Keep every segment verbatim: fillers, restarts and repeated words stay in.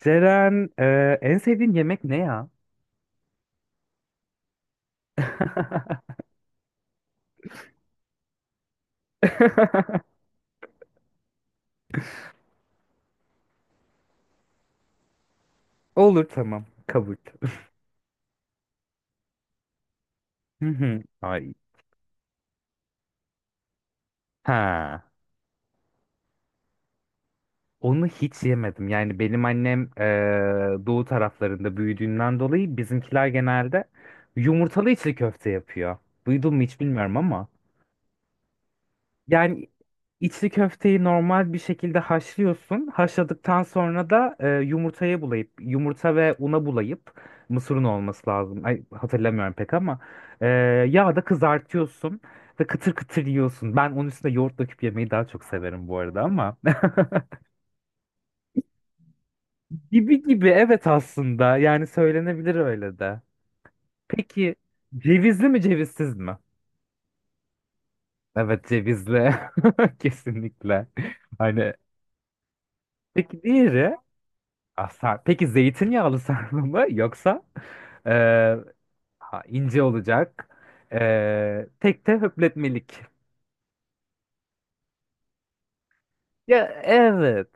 Ceren, e, en sevdiğin yemek ne ya? Olur, tamam, kabul. Hı hı, ay. Ha. Onu hiç yemedim. Yani benim annem e, doğu taraflarında büyüdüğünden dolayı bizimkiler genelde yumurtalı içli köfte yapıyor. Duydun mu hiç bilmiyorum ama. Yani içli köfteyi normal bir şekilde haşlıyorsun. Haşladıktan sonra da e, yumurtaya bulayıp, yumurta ve una bulayıp, mısırın olması lazım. Ay, hatırlamıyorum pek ama e, yağda kızartıyorsun ve kıtır kıtır yiyorsun. Ben onun üstüne yoğurt döküp yemeyi daha çok severim bu arada ama. Gibi gibi, evet, aslında yani söylenebilir öyle de. Peki, cevizli mi cevizsiz mi? Evet, cevizli kesinlikle. Hani peki diğeri? Ah, sar- peki zeytinyağlı sarma mı yoksa eee, ha, ince olacak, eee, tek de höpletmelik. Ya evet.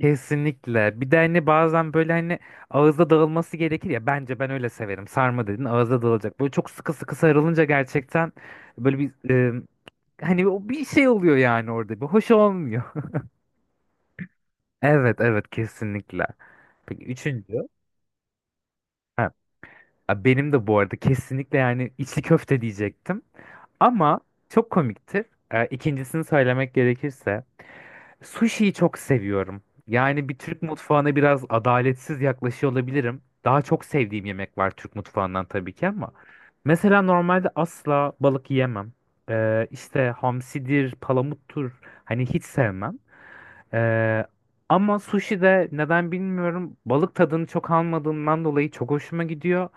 Kesinlikle. Bir de hani bazen böyle hani ağızda dağılması gerekir ya. Bence ben öyle severim. Sarma dedin, ağızda dağılacak. Böyle çok sıkı sıkı sarılınca gerçekten böyle bir e, hani o bir şey oluyor yani orada. Bir hoş olmuyor. Evet evet, kesinlikle. Peki üçüncü. Ha, ya benim de bu arada kesinlikle yani içli köfte diyecektim. Ama çok komiktir. Ee, İkincisini söylemek gerekirse sushi'yi çok seviyorum. Yani bir Türk mutfağına biraz adaletsiz yaklaşıyor olabilirim. Daha çok sevdiğim yemek var Türk mutfağından tabii ki ama mesela normalde asla balık yiyemem. Ee, işte hamsidir, palamuttur, hani hiç sevmem. Ee, Ama sushi de neden bilmiyorum balık tadını çok almadığımdan dolayı çok hoşuma gidiyor.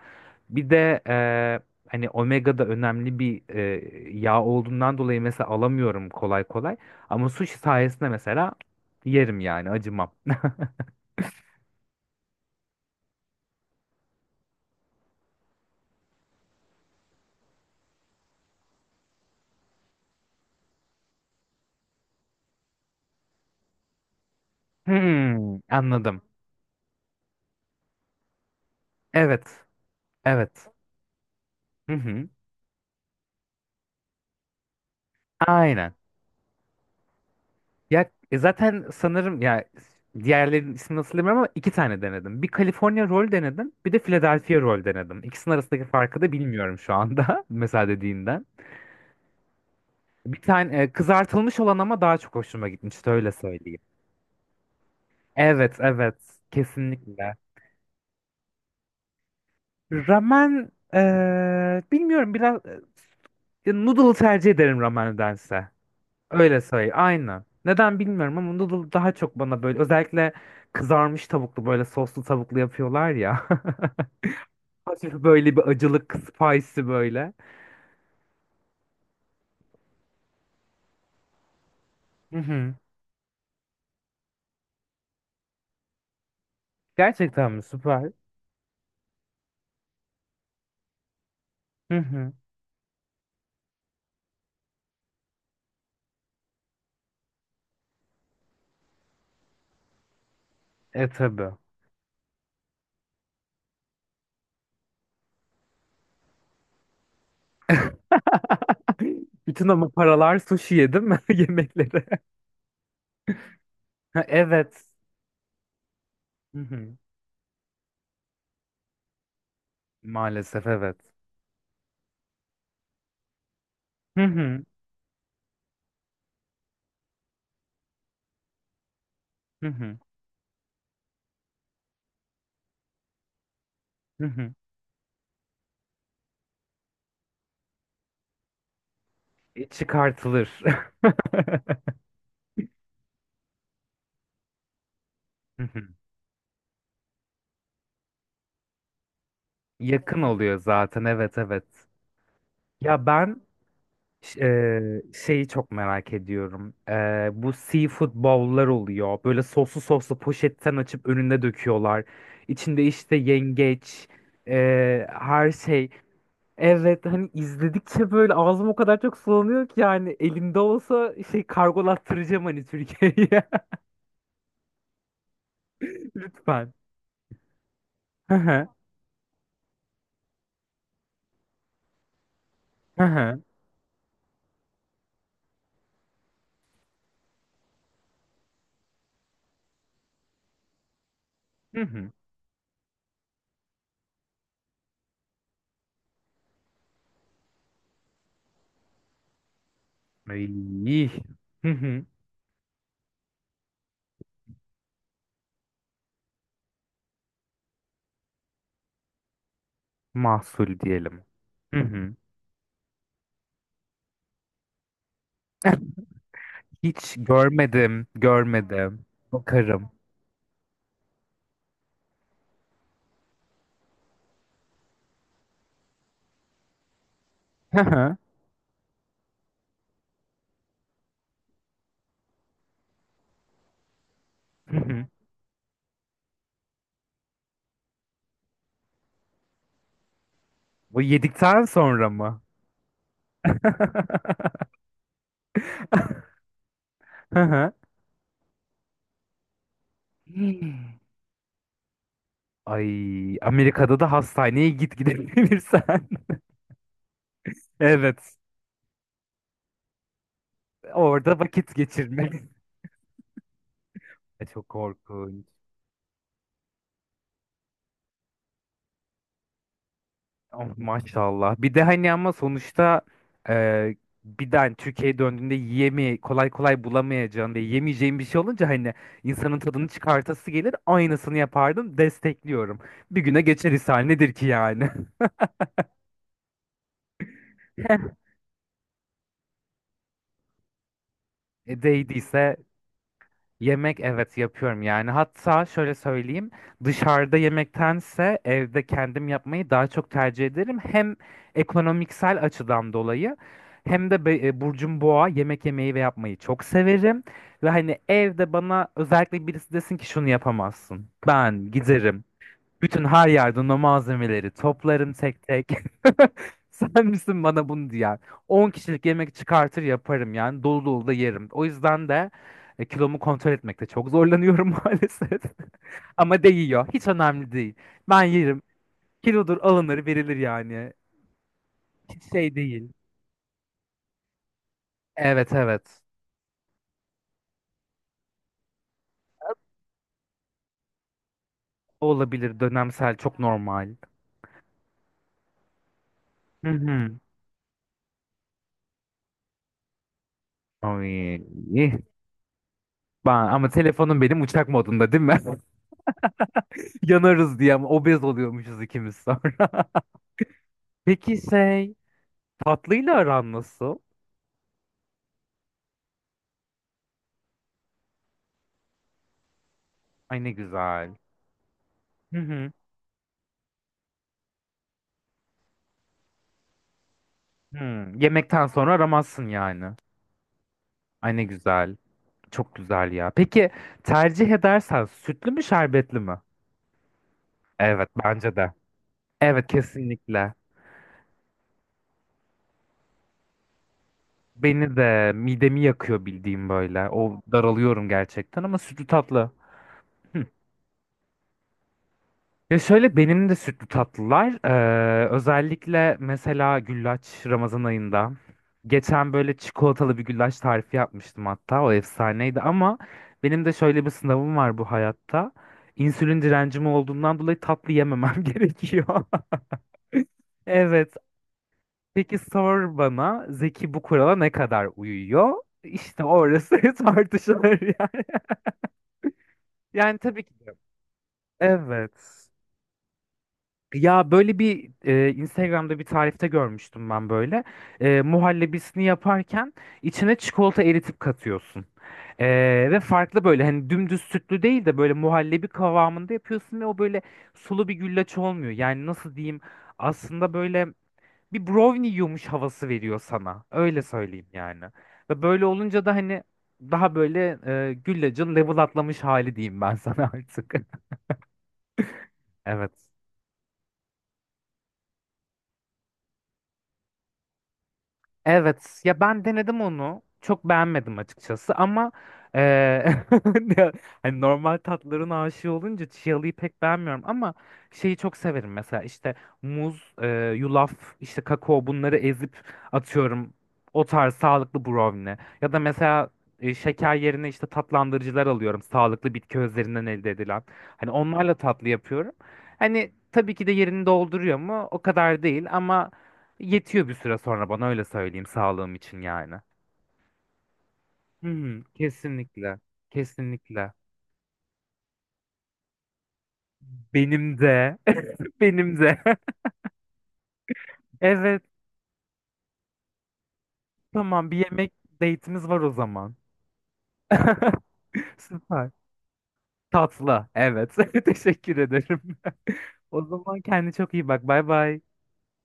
Bir de eee, hani omega da önemli bir eee, yağ olduğundan dolayı mesela alamıyorum kolay kolay. Ama sushi sayesinde mesela yerim yani acımam. Hmm, anladım. Evet. Evet. Hı hı. Aynen. Ya e, zaten sanırım ya diğerlerinin ismini nasıl bilmiyorum ama iki tane denedim. Bir California roll denedim, bir de Philadelphia roll denedim. İkisinin arasındaki farkı da bilmiyorum şu anda mesela dediğinden. Bir tane e, kızartılmış olan ama daha çok hoşuma gitmişti, öyle söyleyeyim. Evet, evet. Kesinlikle. Ramen, eee, bilmiyorum, biraz e, noodle tercih ederim ramendense. Öyle söyleyeyim. Aynı. Neden bilmiyorum ama noodle daha çok bana böyle özellikle kızarmış tavuklu, böyle soslu tavuklu yapıyorlar ya. Hafif böyle bir acılık, spicy böyle. Hı hı. Gerçekten mi? Süper. Hı hı. E, tabii. Bütün ama paralar sushi yedim mi yemekleri? Ha, evet. Hı hı. Maalesef evet. Hı hı. Hı hı. Hı hı. E, Çıkartılır. Hı hı. Yakın oluyor zaten, evet evet. Ya ben ş- eee, şeyi çok merak ediyorum. Eee, bu seafood bowl'lar oluyor. Böyle soslu soslu poşetten açıp önüne döküyorlar. İçinde işte yengeç, eee, her şey. Evet, hani izledikçe böyle ağzım o kadar çok sulanıyor ki yani elimde olsa şey kargolattıracağım hani Türkiye'ye. Lütfen. Hı hı. Hı hı. Hı hı. Ay. Hı hı. Mahsul diyelim. Hı hı. Hiç görmedim, görmedim. Bakarım. Hı hı. Hı hı. Bu yedikten sonra mı? Hı hı. Hmm. Ay, Amerika'da da hastaneye git gidebilirsen. Evet, orada vakit geçirmek. E, Çok korkunç. Ama maşallah. Bir de hani ama sonuçta e, bir de hani Türkiye'ye döndüğünde yiyemi kolay kolay bulamayacağın ve yemeyeceğin bir şey olunca hani insanın tadını çıkartası gelir. Aynısını yapardım. Destekliyorum. Bir güne geçer, ishal nedir ki yani? E, değdiyse Yemek, evet, yapıyorum yani. Hatta şöyle söyleyeyim, dışarıda yemektense evde kendim yapmayı daha çok tercih ederim, hem ekonomiksel açıdan dolayı hem de be- e, burcum boğa, yemek yemeyi ve yapmayı çok severim ve hani evde bana özellikle birisi desin ki şunu yapamazsın, ben giderim bütün her yerden o malzemeleri toplarım tek tek. Sen misin bana bunu diyen? On kişilik yemek çıkartır yaparım yani, dolu dolu da yerim. O yüzden de e, kilomu kontrol etmekte çok zorlanıyorum maalesef. Ama değiyor. Hiç önemli değil. Ben yerim. Kilodur, alınır verilir yani. Hiç şey değil. Evet evet. Olabilir, dönemsel, çok normal. Hı hı. Ay. Ben, ama telefonum benim uçak modunda değil mi? Yanarız diye, ama obez oluyormuşuz ikimiz sonra. Peki şey, tatlıyla aran nasıl? Ay ne güzel. Hı hı. Hı. Yemekten sonra aramazsın yani. Ay ne güzel. Çok güzel ya. Peki tercih edersen, sütlü mü şerbetli mi? Evet, bence de. Evet, kesinlikle. Beni de midemi yakıyor bildiğim böyle. O daralıyorum gerçekten, ama sütlü tatlı. Ya şöyle, benim de sütlü tatlılar, eee, özellikle mesela güllaç, Ramazan ayında geçen böyle çikolatalı bir güllaç tarifi yapmıştım, hatta o efsaneydi, ama benim de şöyle bir sınavım var bu hayatta. İnsülin direncim olduğundan dolayı tatlı yememem gerekiyor. Evet. Peki sor bana Zeki, bu kurala ne kadar uyuyor? İşte orası tartışılır yani. Yani tabii ki de. Evet. Ya böyle bir e, Instagram'da bir tarifte görmüştüm ben böyle. E, muhallebisini yaparken içine çikolata eritip katıyorsun. E, Ve farklı, böyle hani dümdüz sütlü değil de böyle muhallebi kıvamında yapıyorsun ve o böyle sulu bir güllaç olmuyor. Yani nasıl diyeyim, aslında böyle bir brownie yiyormuş havası veriyor sana. Öyle söyleyeyim yani. Ve böyle olunca da hani daha böyle e, güllacın level atlamış hali diyeyim ben sana artık. Evet. Evet ya, ben denedim onu, çok beğenmedim açıkçası ama eee, ya hani normal tatların aşığı olunca chialı'yı pek beğenmiyorum, ama şeyi çok severim mesela, işte muz, eee, yulaf, işte kakao, bunları ezip atıyorum, o tarz sağlıklı brownie ya da mesela e, şeker yerine işte tatlandırıcılar alıyorum, sağlıklı bitki özlerinden elde edilen, hani onlarla tatlı yapıyorum, hani tabii ki de yerini dolduruyor mu, o kadar değil ama yetiyor bir süre sonra bana, öyle söyleyeyim, sağlığım için yani. Hı hı, kesinlikle. Kesinlikle. Benim de. Benim de. Evet. Tamam, bir yemek date'imiz var o zaman. Süper. Tatlı. Evet. Teşekkür ederim. O zaman kendine çok iyi bak. Bay bay.